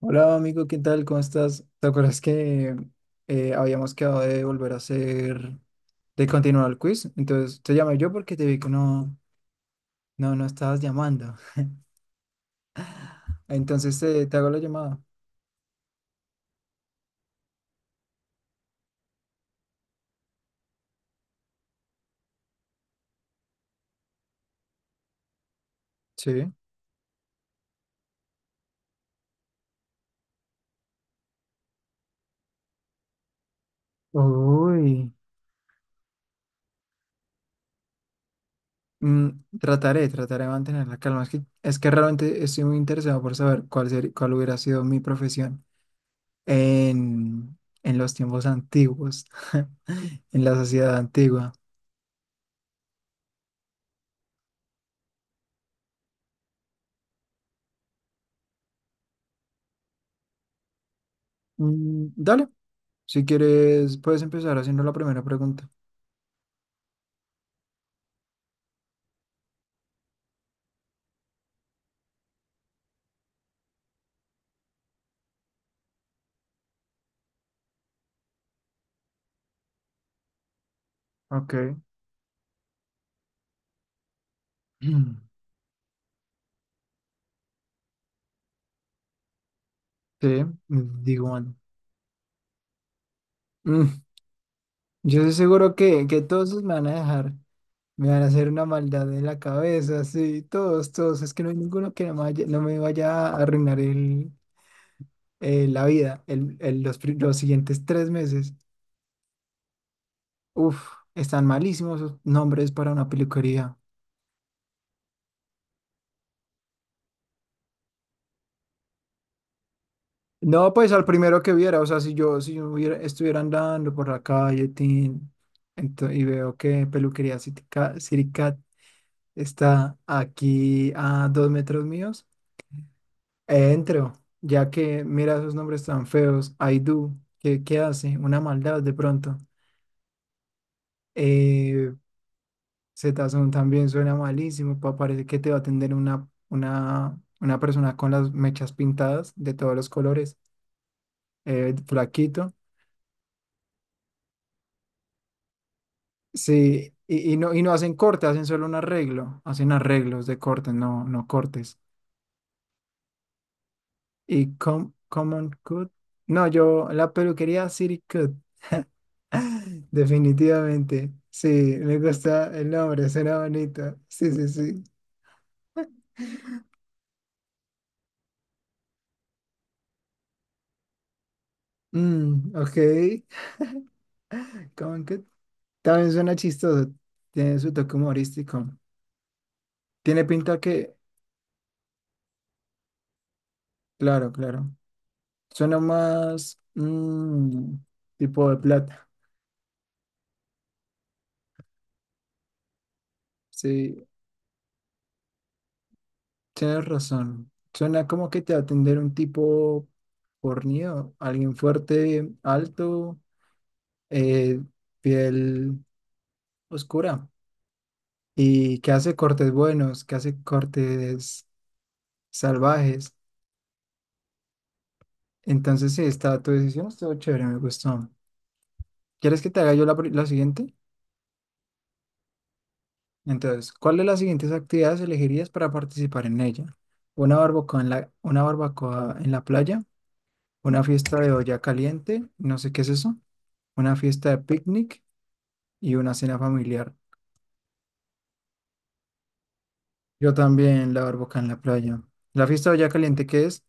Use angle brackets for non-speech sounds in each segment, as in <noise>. Hola amigo, ¿qué tal? ¿Cómo estás? ¿Te acuerdas que habíamos quedado de volver a hacer, de continuar el quiz? Entonces te llamé yo porque te vi que no estabas llamando. <laughs> Entonces te hago la llamada. Sí. Uy. Mm, trataré de mantener la calma. Es que realmente estoy muy interesado por saber cuál hubiera sido mi profesión en los tiempos antiguos, <laughs> en la sociedad antigua. Mm, dale, si quieres, puedes empezar haciendo la primera pregunta. Ok. <clears throat> Mm. Sí, mm, digo, bueno. Mm. Yo estoy seguro que todos me van a dejar, me van a hacer una maldad en la cabeza, sí, todos, todos. Es que no hay ninguno que no me no me vaya a arruinar la vida los siguientes 3 meses. Uf, están malísimos esos nombres para una peluquería. No, pues al primero que viera, o sea, si yo estuviera andando por la calle y veo que Peluquería Siricat está aquí a 2 metros míos, entro, ya que mira esos nombres tan feos, Aidú, ¿qué hace? Una maldad de pronto. Eh, Zetazón también suena malísimo, parece que te va a atender una persona con las mechas pintadas de todos los colores, flaquito. Sí, y no hacen corte, hacen solo un arreglo, hacen arreglos de cortes, no, no cortes. Common Cut, no, yo, la peluquería City Cut, <laughs> definitivamente, sí, me gusta el nombre, suena bonito, sí, sí, sí. Mm, ok. <laughs> Common Cut, también suena chistoso, tiene su toque humorístico, tiene pinta que, claro, claro, suena más, mm, tipo de plata, sí. Tienes razón. Suena como que te va a atender un tipo fornido, alguien fuerte, alto, eh, piel oscura y que hace cortes buenos, que hace cortes salvajes. Entonces, sí, está tu decisión, estuvo chévere, me gustó. ¿Quieres que te haga yo la siguiente? Entonces, ¿cuál de las siguientes actividades elegirías para participar en ella? ¿Una barbacoa una barbacoa en la playa? ¿Una fiesta de olla caliente? No sé qué es eso. Una fiesta de picnic y una cena familiar. Yo también la barbacoa en la playa. La fiesta de olla caliente, ¿qué es?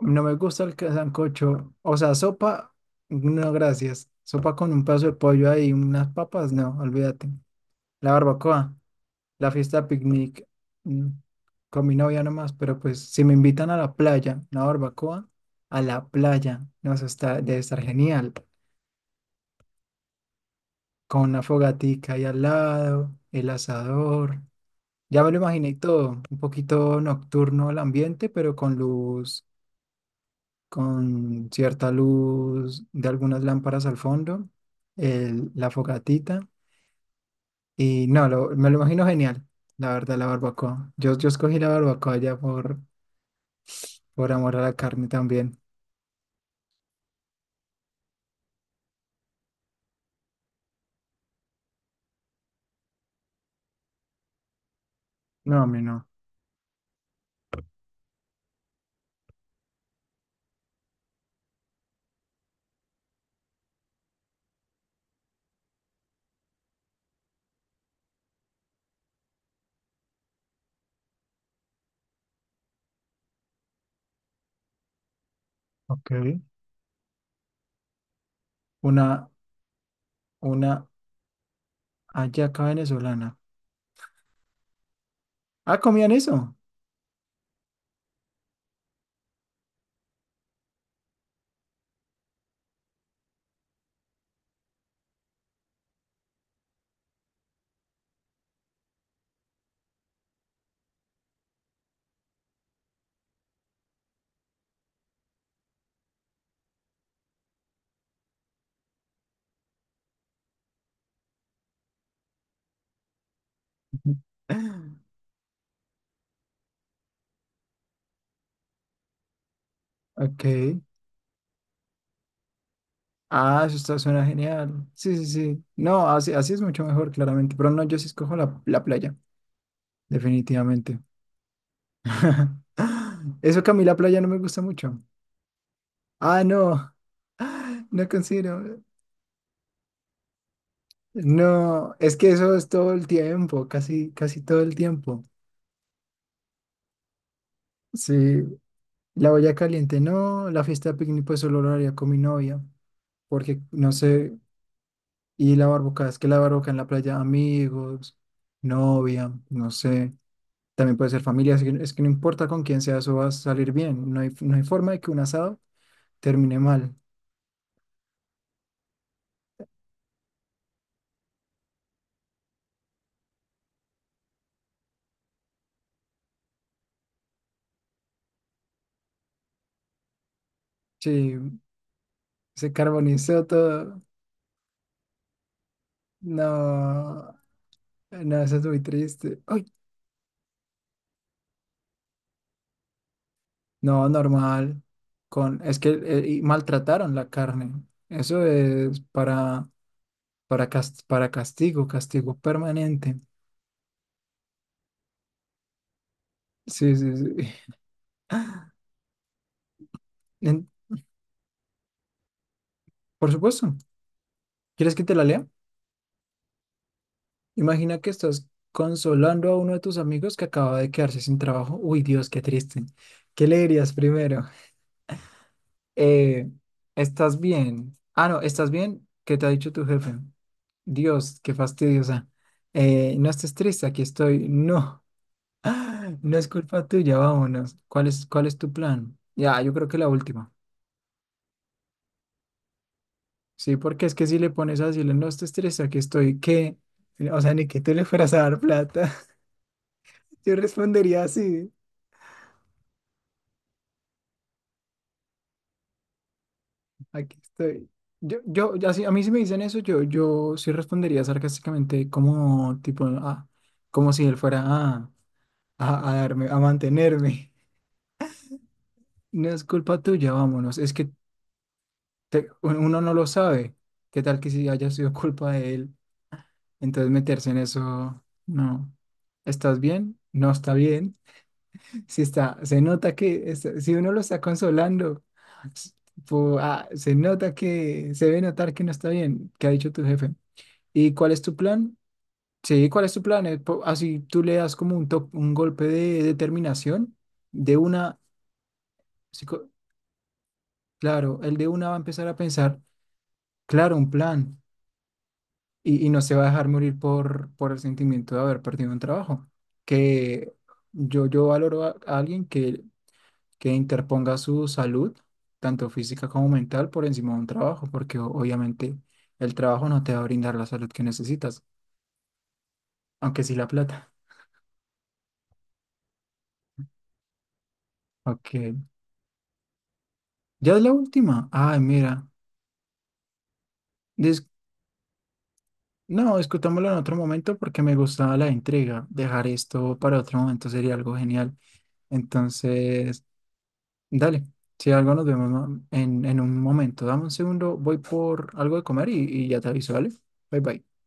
No me gusta sancocho. O sea, sopa, no, gracias. Sopa con un pedazo de pollo ahí, unas papas, no, olvídate. La barbacoa, la fiesta de picnic, mm, con mi novia nomás, pero pues si me invitan a la playa, una barbacoa, a la playa, nos está, debe estar genial. Con una fogatica ahí al lado, el asador. Ya me lo imaginé y todo, un poquito nocturno el ambiente, pero con luz, con cierta luz de algunas lámparas al fondo, la fogatita. Y no, me lo imagino genial, la verdad, la barbacoa. Yo escogí la barbacoa por amor a la carne también. No, a mí no. Ok. Una, una hallaca venezolana. Ah, ¿comían eso? <laughs> Ok. Ah, eso está, suena genial. Sí, sí, sí. No, así, así es mucho mejor, claramente. Pero no, yo sí escojo la playa, definitivamente. <laughs> Eso que a mí la playa no me gusta mucho. Ah, no, <laughs> no considero. No, es que eso es todo el tiempo, casi, casi todo el tiempo. Sí, la olla caliente no, la fiesta de picnic pues solo lo haría con mi novia, porque no sé, y la barbacoa, es que la barbacoa en la playa, amigos, novia, no sé. También puede ser familia, así que- es que no importa con quién sea, eso va a salir bien. No hay forma de que un asado termine mal. Sí, se carbonizó todo. No, no, eso es muy triste. Ay, no, normal. Con, es que y maltrataron la carne. Eso es para castigo, castigo permanente. Sí, sí, sí. En- por supuesto. ¿Quieres que te la lea? Imagina que estás consolando a uno de tus amigos que acaba de quedarse sin trabajo. Uy, Dios, qué triste. ¿Qué le dirías primero? Eh, ¿Estás bien? Ah, no, ¿estás bien? ¿Qué te ha dicho tu jefe? Dios, qué fastidiosa. No estés triste, aquí estoy. No, <gasps> <laughs> no es culpa tuya, vámonos. ¿Cuál es tu plan? Ya, yo creo que la última. Sí, porque es que si le pones a decirle, no estés triste, aquí estoy, ¿qué? O sea, ni que tú le fueras a dar plata. <laughs> Yo respondería así. Aquí estoy. Yo, así, a mí si me dicen eso, yo sí respondería sarcásticamente como tipo, ah, como si él fuera a darme, a mantenerme. <laughs> No es culpa tuya, vámonos. Es que uno no lo sabe. ¿Qué tal que si haya sido culpa de él? Entonces meterse en eso, no. ¿Estás bien? No está bien. <laughs> Si está, se nota que, si uno lo está consolando, tipo, ah, se nota que, se debe notar que no está bien. ¿Qué ha dicho tu jefe? ¿Y cuál es tu plan? Sí, ¿cuál es tu plan? Así tú le das como un golpe de determinación. De una, psico- claro, el de una va a empezar a pensar, claro, un plan. Y no se va a dejar morir por el sentimiento de haber perdido un trabajo. Que yo valoro a alguien que interponga su salud, tanto física como mental, por encima de un trabajo, porque obviamente el trabajo no te va a brindar la salud que necesitas, aunque sí la plata. Ok. ¿Ya es la última? Ay, mira. dis- no, discutámoslo en otro momento porque me gustaba la intriga. Dejar esto para otro momento sería algo genial. Entonces, dale. Si algo nos vemos en un momento. Dame un segundo, voy por algo de comer y ya te aviso, ¿vale? Bye bye.